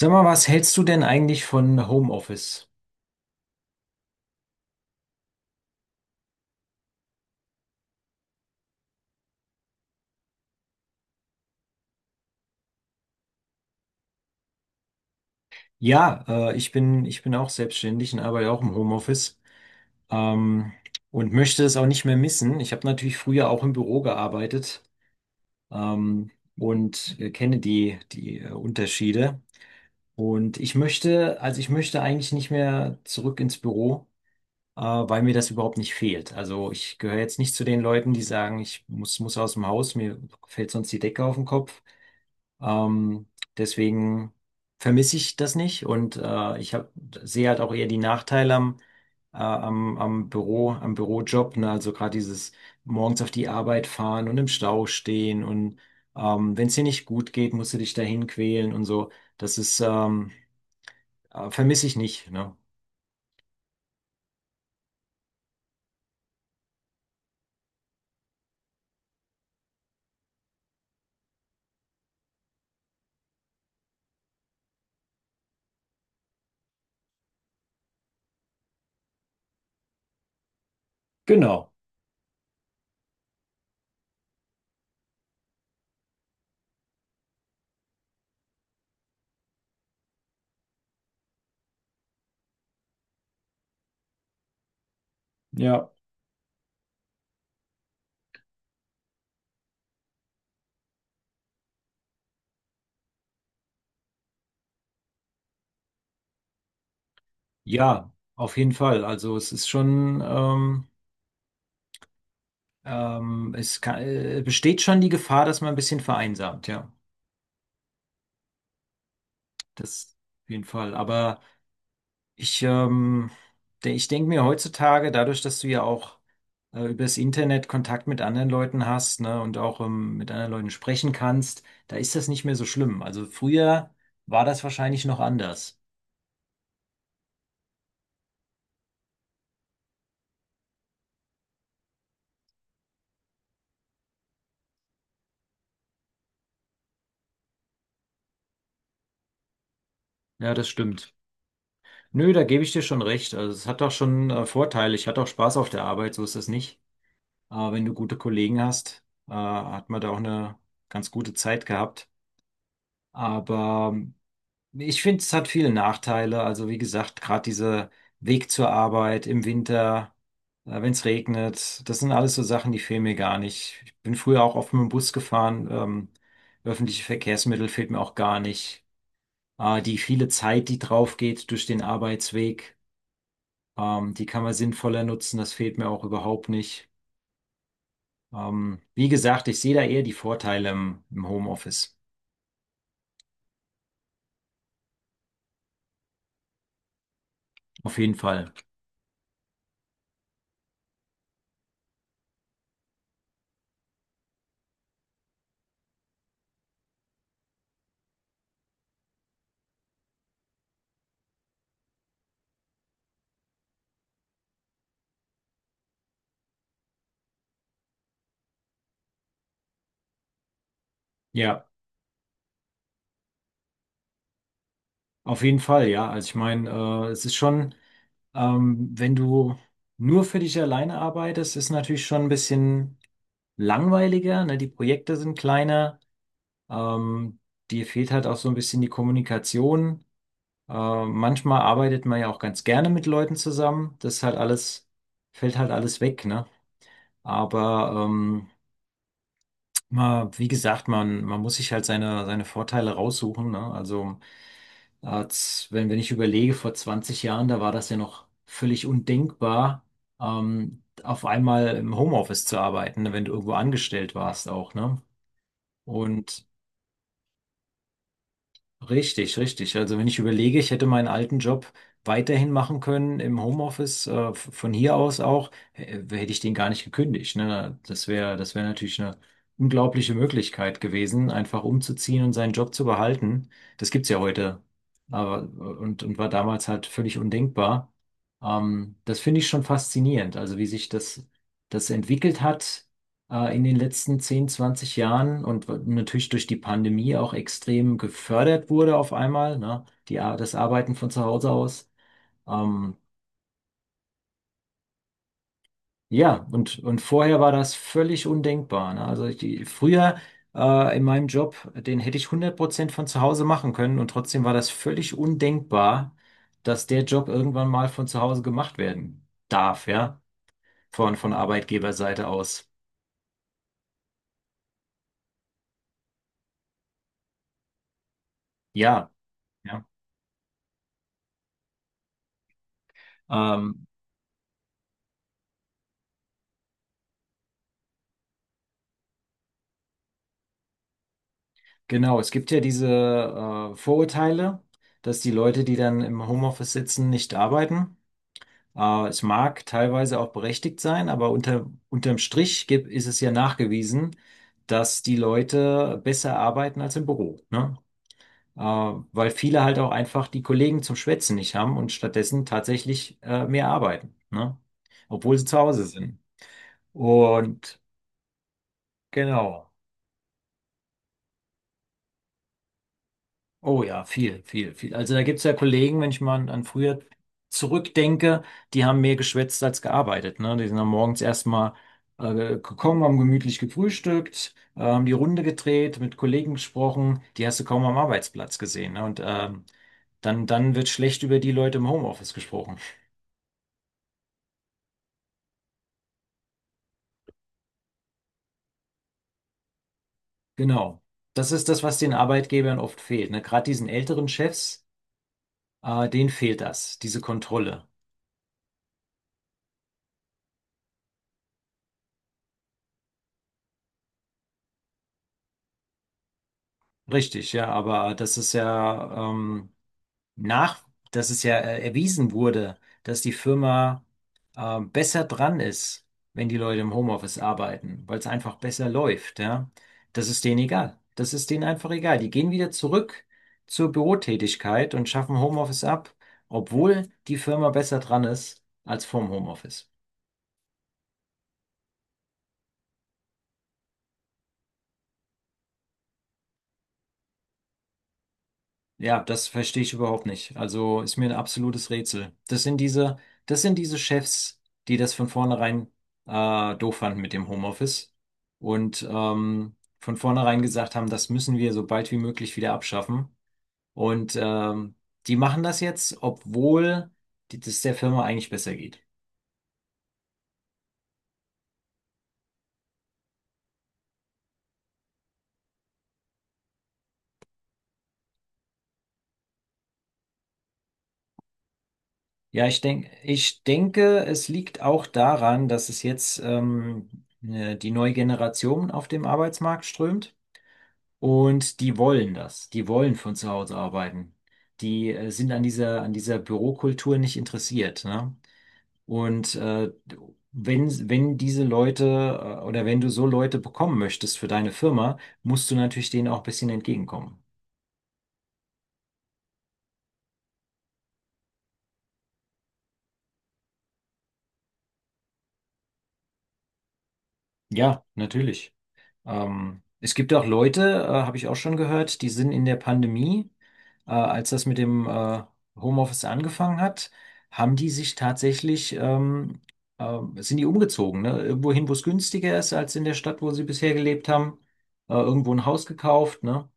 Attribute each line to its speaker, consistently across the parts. Speaker 1: Sag mal, was hältst du denn eigentlich von Homeoffice? Ja, ich bin auch selbstständig und arbeite auch im Homeoffice ähm, und möchte es auch nicht mehr missen. Ich habe natürlich früher auch im Büro gearbeitet ähm, und kenne die Unterschiede. Also ich möchte eigentlich nicht mehr zurück ins Büro, weil mir das überhaupt nicht fehlt. Also ich gehöre jetzt nicht zu den Leuten, die sagen, ich muss aus dem Haus, mir fällt sonst die Decke auf den Kopf. Ähm, Deswegen vermisse ich das nicht und sehe halt auch eher die Nachteile am am Büro, am Bürojob, ne? Also gerade dieses morgens auf die Arbeit fahren und im Stau stehen und wenn es dir nicht gut geht, musst du dich dahin quälen und so. Das ist vermisse ich nicht, ne? Genau, ja. Ja, auf jeden Fall. Also es ist schon, besteht schon die Gefahr, dass man ein bisschen vereinsamt, ja. Das auf jeden Fall. Aber ich, ähm, ich denke mir heutzutage, dadurch, dass du ja auch über das Internet Kontakt mit anderen Leuten hast, ne, und auch mit anderen Leuten sprechen kannst, da ist das nicht mehr so schlimm. Also früher war das wahrscheinlich noch anders. Ja, das stimmt. Nö, da gebe ich dir schon recht. Also es hat auch schon Vorteile. Ich hatte auch Spaß auf der Arbeit, so ist das nicht. Aber wenn du gute Kollegen hast, hat man da auch eine ganz gute Zeit gehabt. Aber Nee, ich finde, es hat viele Nachteile. Also wie gesagt, gerade dieser Weg zur Arbeit im Winter, wenn es regnet, das sind alles so Sachen, die fehlen mir gar nicht. Ich bin früher auch oft mit dem Bus gefahren. Öffentliche Verkehrsmittel fehlt mir auch gar nicht. Die viele Zeit, die drauf geht durch den Arbeitsweg, die kann man sinnvoller nutzen. Das fehlt mir auch überhaupt nicht. Wie gesagt, ich sehe da eher die Vorteile im Homeoffice. Auf jeden Fall. Ja, auf jeden Fall, ja. Also ich meine, es ist schon. Wenn du nur für dich alleine arbeitest, ist natürlich schon ein bisschen langweiliger, ne? Die Projekte sind kleiner, ähm, dir fehlt halt auch so ein bisschen die Kommunikation. Manchmal arbeitet man ja auch ganz gerne mit Leuten zusammen. Das ist halt alles, fällt halt alles weg, ne? Aber wie gesagt, man muss sich halt seine Vorteile raussuchen, ne? Also Als, wenn, wenn ich überlege, vor 20 Jahren, da war das ja noch völlig undenkbar, auf einmal im Homeoffice zu arbeiten, ne, wenn du irgendwo angestellt warst auch, ne? Und Richtig, richtig. Also wenn ich überlege, ich hätte meinen alten Job weiterhin machen können im Homeoffice, von hier aus auch, hätte ich den gar nicht gekündigt. Ne? Das wäre natürlich eine unglaubliche Möglichkeit gewesen, einfach umzuziehen und seinen Job zu behalten. Das gibt's ja heute. Aber, und war damals halt völlig undenkbar. Das finde ich schon faszinierend, also wie das entwickelt hat in den letzten 10, 20 Jahren und natürlich durch die Pandemie auch extrem gefördert wurde auf einmal, ne? Das Arbeiten von zu Hause aus. Ähm, ja, und vorher war das völlig undenkbar, ne? Also die, früher in meinem Job, den hätte ich 100% von zu Hause machen können und trotzdem war das völlig undenkbar, dass der Job irgendwann mal von zu Hause gemacht werden darf, ja? Von Arbeitgeberseite aus. Ja, ja. Ähm, Genau, es gibt ja diese Vorurteile, dass die Leute, die dann im Homeoffice sitzen, nicht arbeiten. Es mag teilweise auch berechtigt sein, aber unterm Strich ist es ja nachgewiesen, dass die Leute besser arbeiten als im Büro, ne? Weil viele halt auch einfach die Kollegen zum Schwätzen nicht haben und stattdessen tatsächlich mehr arbeiten, ne? Obwohl sie zu Hause sind. Und genau. Oh ja, viel, viel, viel. Also da gibt's ja Kollegen, wenn ich mal an früher zurückdenke, die haben mehr geschwätzt als gearbeitet. Ne? Die sind dann morgens erstmal gekommen, haben gemütlich gefrühstückt, haben die Runde gedreht, mit Kollegen gesprochen, die hast du kaum am Arbeitsplatz gesehen. Ne? Und dann wird schlecht über die Leute im Homeoffice gesprochen. Genau. Das ist das, was den Arbeitgebern oft fehlt. Ne? Gerade diesen älteren Chefs, denen fehlt das, diese Kontrolle. Richtig, ja, aber das ist ja. Nach, Dass es ja erwiesen wurde, dass die Firma besser dran ist, wenn die Leute im Homeoffice arbeiten, weil es einfach besser läuft, ja. Das ist denen egal. Das ist denen einfach egal. Die gehen wieder zurück zur Bürotätigkeit und schaffen Homeoffice ab, obwohl die Firma besser dran ist als vorm Homeoffice. Ja, das verstehe ich überhaupt nicht. Also ist mir ein absolutes Rätsel. Das sind das sind diese Chefs, die das von vornherein doof fanden mit dem Homeoffice und von vornherein gesagt haben, das müssen wir so bald wie möglich wieder abschaffen. Und die machen das jetzt, obwohl das der Firma eigentlich besser geht. Ja, ich denke, es liegt auch daran, dass es jetzt die neue Generation auf dem Arbeitsmarkt strömt. Und die wollen das. Die wollen von zu Hause arbeiten. Die sind an dieser an dieser Bürokultur nicht interessiert, ne? Und wenn diese Leute oder wenn du so Leute bekommen möchtest für deine Firma, musst du natürlich denen auch ein bisschen entgegenkommen. Ja, natürlich. Es gibt auch Leute, habe ich auch schon gehört, die sind in der Pandemie, als das mit dem Homeoffice angefangen hat, haben die sich tatsächlich sind die umgezogen, ne? Irgendwo hin, wo es günstiger ist als in der Stadt, wo sie bisher gelebt haben, irgendwo ein Haus gekauft, ne?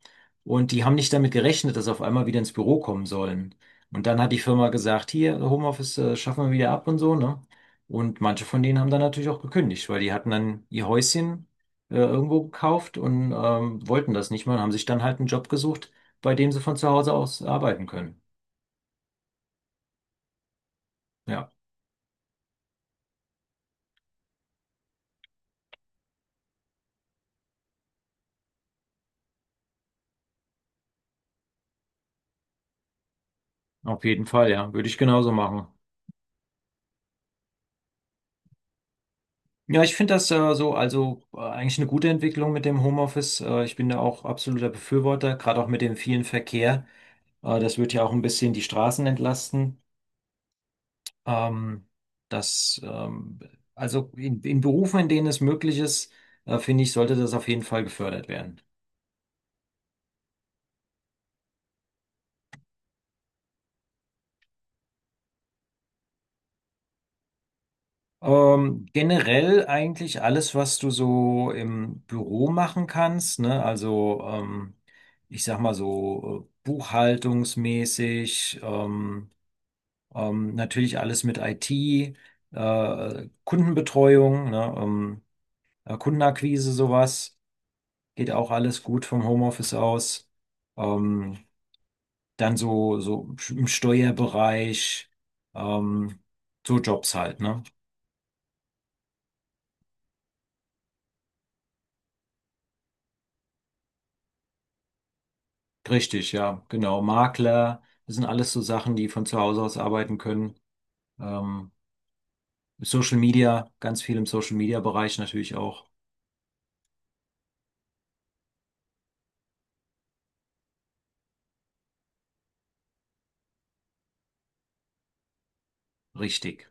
Speaker 1: Und die haben nicht damit gerechnet, dass sie auf einmal wieder ins Büro kommen sollen. Und dann hat die Firma gesagt, hier, Homeoffice, schaffen wir wieder ab und so, ne? Und manche von denen haben dann natürlich auch gekündigt, weil die hatten dann ihr Häuschen irgendwo gekauft und wollten das nicht mehr und haben sich dann halt einen Job gesucht, bei dem sie von zu Hause aus arbeiten können. Ja, auf jeden Fall, ja, würde ich genauso machen. Ja, ich finde das so, eigentlich eine gute Entwicklung mit dem Homeoffice. Ich bin da auch absoluter Befürworter, gerade auch mit dem vielen Verkehr. Das wird ja auch ein bisschen die Straßen entlasten. Ähm, das, ähm, also in Berufen, in denen es möglich ist, finde ich, sollte das auf jeden Fall gefördert werden. Generell eigentlich alles, was du so im Büro machen kannst, ne? Also ich sag mal so buchhaltungsmäßig, natürlich alles mit IT, Kundenbetreuung, ne? Kundenakquise, sowas, geht auch alles gut vom Homeoffice aus. Ähm, Dann so, so im Steuerbereich, ähm, so Jobs halt, ne? Richtig, ja, genau. Makler, das sind alles so Sachen, die von zu Hause aus arbeiten können. Ähm, Social Media, ganz viel im Social Media Bereich natürlich auch. Richtig.